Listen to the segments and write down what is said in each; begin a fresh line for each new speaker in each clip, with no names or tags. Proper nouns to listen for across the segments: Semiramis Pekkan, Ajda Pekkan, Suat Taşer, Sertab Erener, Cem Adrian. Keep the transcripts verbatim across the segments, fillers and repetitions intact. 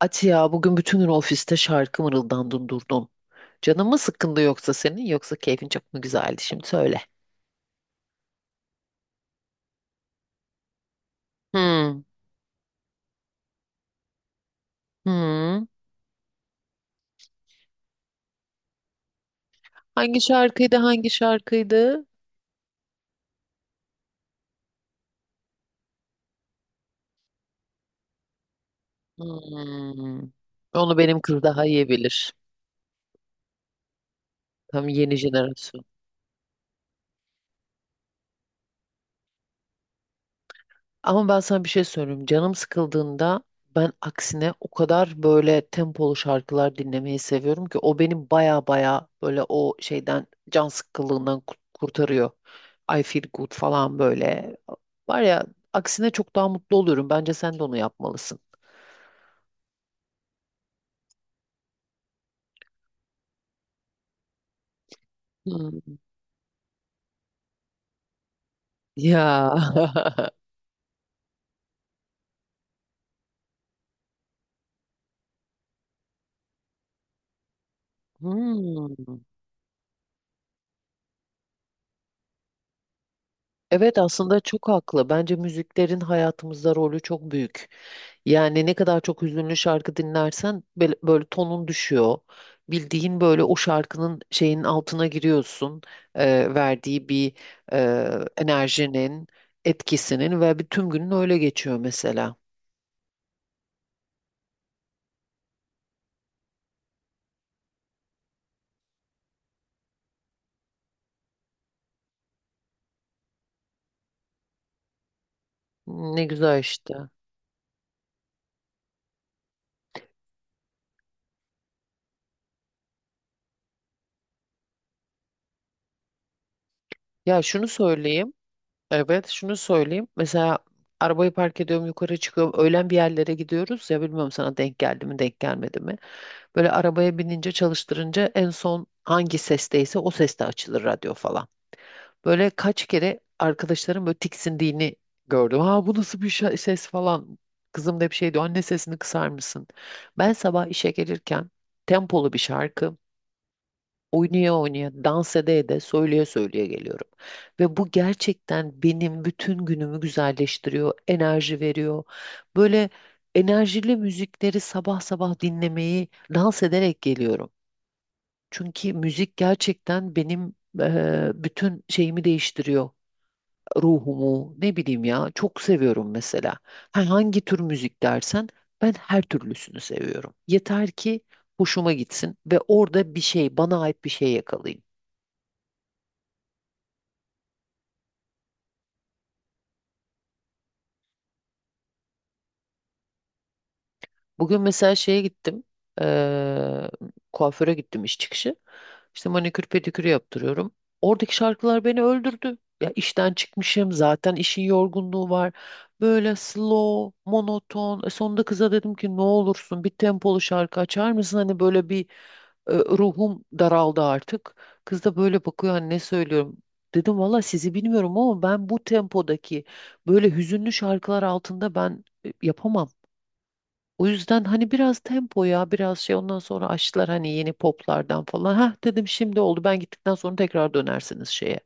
Ati ya bugün bütün gün ofiste şarkı mırıldandın durdun. Canın mı sıkkındı yoksa senin yoksa keyfin çok mu güzeldi şimdi söyle. Hmm. Hmm. Hangi şarkıydı hangi şarkıydı? Hmm. Onu benim kız daha iyi bilir. Tam yeni jenerasyon. Ama ben sana bir şey söyleyeyim. Canım sıkıldığında ben aksine o kadar böyle tempolu şarkılar dinlemeyi seviyorum ki o benim baya baya böyle o şeyden can sıkkınlığından kurt- kurtarıyor. I feel good falan böyle. Var ya aksine çok daha mutlu oluyorum. Bence sen de onu yapmalısın. Hmm. Ya. Hmm. Evet aslında çok haklı. Bence müziklerin hayatımızda rolü çok büyük. Yani ne kadar çok hüzünlü şarkı dinlersen böyle, böyle tonun düşüyor. Bildiğin böyle o şarkının şeyin altına giriyorsun. Eee, verdiği bir eee, enerjinin, etkisinin ve bir tüm günün öyle geçiyor mesela. Ne güzel işte. Ya şunu söyleyeyim. Evet, şunu söyleyeyim. Mesela arabayı park ediyorum, yukarı çıkıyorum. Öğlen bir yerlere gidiyoruz ya bilmiyorum sana denk geldi mi, denk gelmedi mi. Böyle arabaya binince çalıştırınca en son hangi sesteyse o seste açılır radyo falan. Böyle kaç kere arkadaşlarım böyle tiksindiğini gördüm. Ha bu nasıl bir şa- ses falan. Kızım da bir şey diyor. Anne sesini kısar mısın? Ben sabah işe gelirken tempolu bir şarkı oynaya oynaya, dans ede ede, söyleye söyleye geliyorum. Ve bu gerçekten benim bütün günümü güzelleştiriyor, enerji veriyor. Böyle enerjili müzikleri sabah sabah dinlemeyi dans ederek geliyorum. Çünkü müzik gerçekten benim eee, bütün şeyimi değiştiriyor. Ruhumu, ne bileyim ya, çok seviyorum mesela. Ha, hangi tür müzik dersen ben her türlüsünü seviyorum. Yeter ki hoşuma gitsin ve orada bir şey, bana ait bir şey yakalayayım. Bugün mesela şeye gittim. eee, Kuaföre gittim iş çıkışı. İşte manikür pedikürü yaptırıyorum. Oradaki şarkılar beni öldürdü. Ya işten çıkmışım zaten işin yorgunluğu var. Böyle slow, monoton. E sonunda kıza dedim ki ne olursun bir tempolu şarkı açar mısın? Hani böyle bir e, ruhum daraldı artık. Kız da böyle bakıyor hani ne söylüyorum. Dedim valla sizi bilmiyorum ama ben bu tempodaki böyle hüzünlü şarkılar altında ben e, yapamam. O yüzden hani biraz tempo ya biraz şey ondan sonra açtılar hani yeni poplardan falan. Hah dedim şimdi oldu ben gittikten sonra tekrar dönersiniz şeye.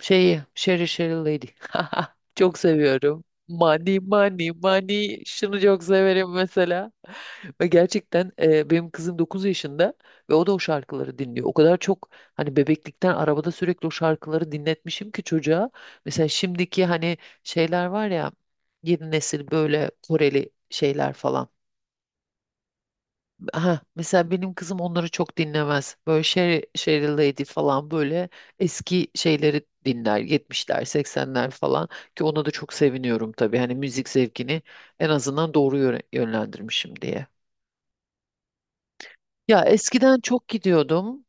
Şeyi Sherry Sherry Lady. Çok seviyorum. Money money money şunu çok severim mesela. Ve gerçekten e, benim kızım dokuz yaşında ve o da o şarkıları dinliyor. O kadar çok hani bebeklikten arabada sürekli o şarkıları dinletmişim ki çocuğa. Mesela şimdiki hani şeyler var ya yeni nesil böyle Koreli şeyler falan. Aha, mesela benim kızım onları çok dinlemez. Böyle Sher Sheryl Lady falan böyle eski şeyleri dinler. Yetmişler, seksenler falan ki ona da çok seviniyorum tabii. Hani müzik zevkini en azından doğru yöne- yönlendirmişim diye. Ya eskiden çok gidiyordum.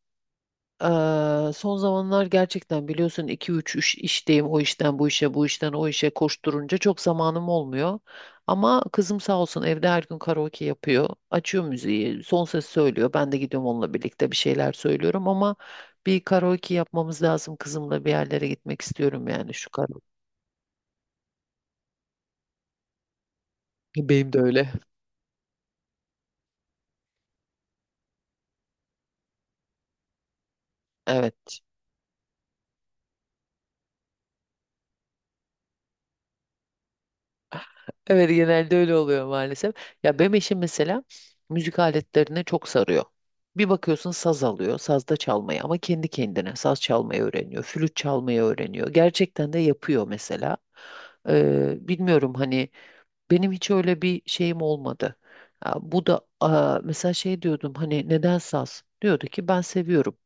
Eee, son zamanlar gerçekten biliyorsun iki üç iş, işteyim o işten bu işe bu işten o işe koşturunca çok zamanım olmuyor. Ama kızım sağ olsun evde her gün karaoke yapıyor. Açıyor müziği son ses söylüyor. Ben de gidiyorum onunla birlikte bir şeyler söylüyorum ama bir karaoke yapmamız lazım kızımla bir yerlere gitmek istiyorum yani şu karaoke. Benim de öyle. Evet. Evet genelde öyle oluyor maalesef. Ya benim eşim mesela müzik aletlerine çok sarıyor. Bir bakıyorsun saz alıyor, sazda çalmayı ama kendi kendine saz çalmayı öğreniyor, flüt çalmayı öğreniyor. Gerçekten de yapıyor mesela. Ee, bilmiyorum hani benim hiç öyle bir şeyim olmadı. Ya bu da aa, mesela şey diyordum hani neden saz? Diyordu ki ben seviyorum.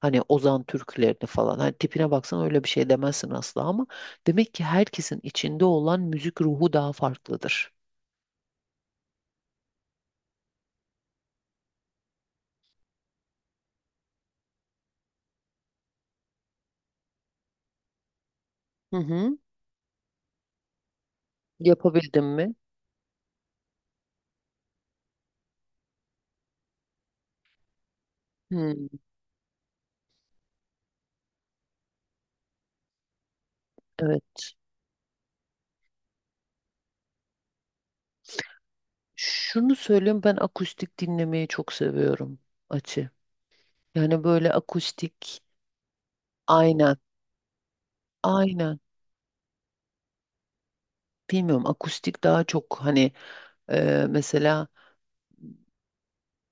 Hani Ozan türkülerini falan. Hani tipine baksan öyle bir şey demezsin asla ama demek ki herkesin içinde olan müzik ruhu daha farklıdır. Hı hı. Yapabildim mi? Hı, evet. Şunu söyleyeyim ben akustik dinlemeyi çok seviyorum açı. Yani böyle akustik aynen aynen bilmiyorum akustik daha çok hani e, mesela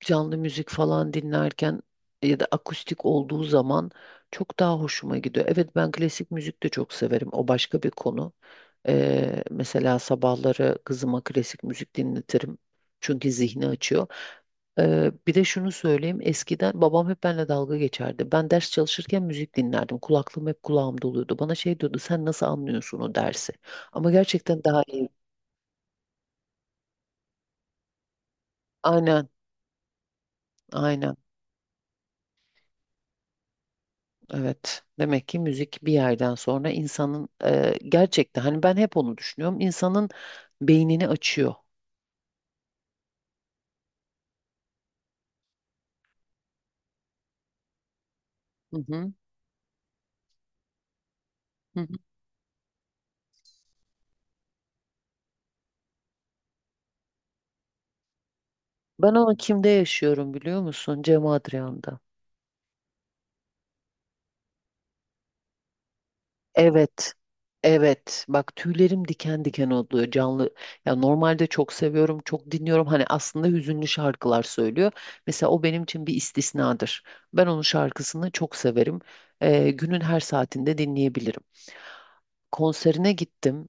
canlı müzik falan dinlerken ya da akustik olduğu zaman çok daha hoşuma gidiyor. Evet ben klasik müzik de çok severim o başka bir konu. Eee, mesela sabahları kızıma klasik müzik dinletirim. Çünkü zihni açıyor. Eee, bir de şunu söyleyeyim. Eskiden babam hep benimle dalga geçerdi. Ben ders çalışırken müzik dinlerdim. Kulaklığım hep kulağımda oluyordu. Bana şey diyordu, sen nasıl anlıyorsun o dersi? Ama gerçekten daha iyi. Aynen, aynen. Evet. Demek ki müzik bir yerden sonra insanın eee gerçekten hani ben hep onu düşünüyorum. İnsanın beynini açıyor. Hı hı, hı hı. Ben onu kimde yaşıyorum biliyor musun? Cem Adrian'da. Evet. Evet. Bak tüylerim diken diken oluyor canlı. Ya normalde çok seviyorum, çok dinliyorum. Hani aslında hüzünlü şarkılar söylüyor. Mesela o benim için bir istisnadır. Ben onun şarkısını çok severim. Ee, günün her saatinde dinleyebilirim konserine gittim.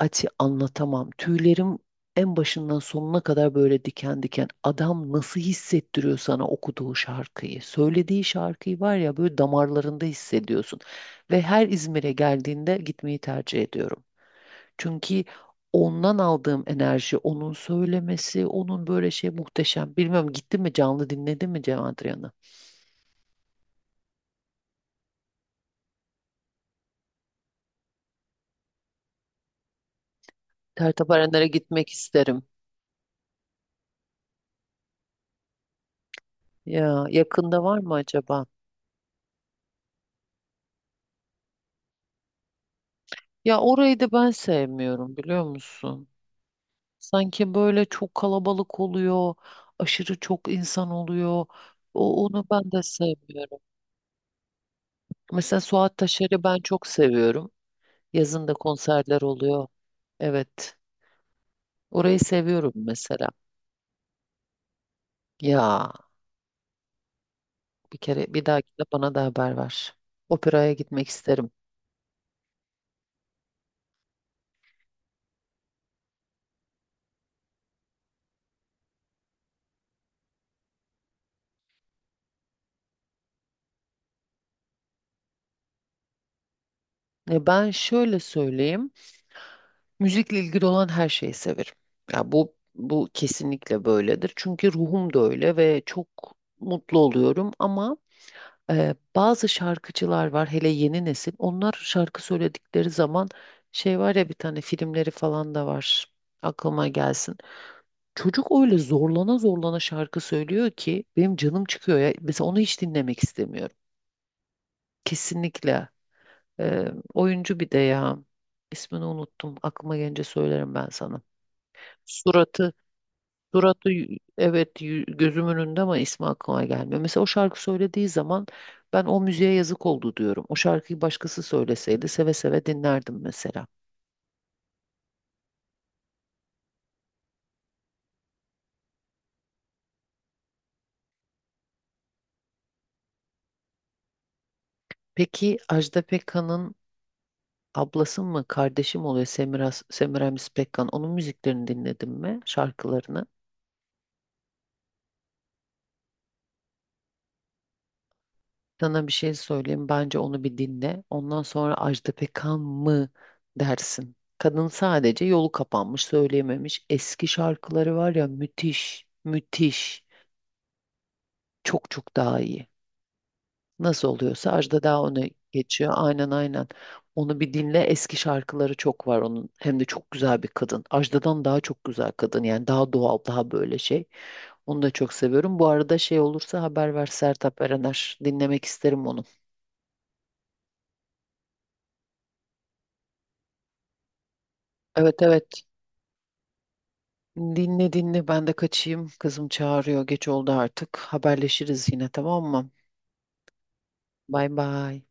Ati anlatamam. Tüylerim en başından sonuna kadar böyle diken diken. Adam nasıl hissettiriyor sana okuduğu şarkıyı? Söylediği şarkıyı var ya böyle damarlarında hissediyorsun. Ve her İzmir'e geldiğinde gitmeyi tercih ediyorum. Çünkü ondan aldığım enerji, onun söylemesi, onun böyle şey muhteşem. Bilmiyorum gitti mi canlı dinledi mi Cem Adrian'ı? Tertaparanlara gitmek isterim. Ya yakında var mı acaba? Ya orayı da ben sevmiyorum biliyor musun? Sanki böyle çok kalabalık oluyor, aşırı çok insan oluyor. O, onu ben de sevmiyorum. Mesela Suat Taşer'i ben çok seviyorum. Yazın da konserler oluyor. Evet. Orayı seviyorum mesela. Ya bir kere bir dahakine bana da haber ver. Operaya gitmek isterim. E ben şöyle söyleyeyim. Müzikle ilgili olan her şeyi severim. Ya bu bu kesinlikle böyledir. Çünkü ruhum da öyle ve çok mutlu oluyorum ama e, bazı şarkıcılar var hele yeni nesil. Onlar şarkı söyledikleri zaman şey var ya bir tane filmleri falan da var. Aklıma gelsin. Çocuk öyle zorlana zorlana şarkı söylüyor ki benim canım çıkıyor ya. Mesela onu hiç dinlemek istemiyorum. Kesinlikle. E, oyuncu bir de ya. İsmini unuttum. Aklıma gelince söylerim ben sana. Suratı Suratı y- evet y- gözümün önünde ama ismi aklıma gelmiyor. Mesela o şarkı söylediği zaman ben o müziğe yazık oldu diyorum. O şarkıyı başkası söyleseydi seve seve dinlerdim mesela. Peki Ajda Pekkan'ın ablası mı kardeşim oluyor Semiras, Semiramis Pekkan onun müziklerini dinledin mi şarkılarını? Sana bir şey söyleyeyim bence onu bir dinle. Ondan sonra Ajda Pekkan mı dersin. Kadın sadece yolu kapanmış, söyleyememiş. Eski şarkıları var ya müthiş, müthiş. Çok çok daha iyi. Nasıl oluyorsa Ajda daha onu geçiyor. Aynen aynen. Onu bir dinle. Eski şarkıları çok var onun. Hem de çok güzel bir kadın. Ajda'dan daha çok güzel kadın. Yani daha doğal, daha böyle şey. Onu da çok seviyorum. Bu arada şey olursa haber ver Sertab Erener. Dinlemek isterim onu. Evet evet. Dinle dinle. Ben de kaçayım. Kızım çağırıyor. Geç oldu artık. Haberleşiriz yine tamam mı? Bay bay.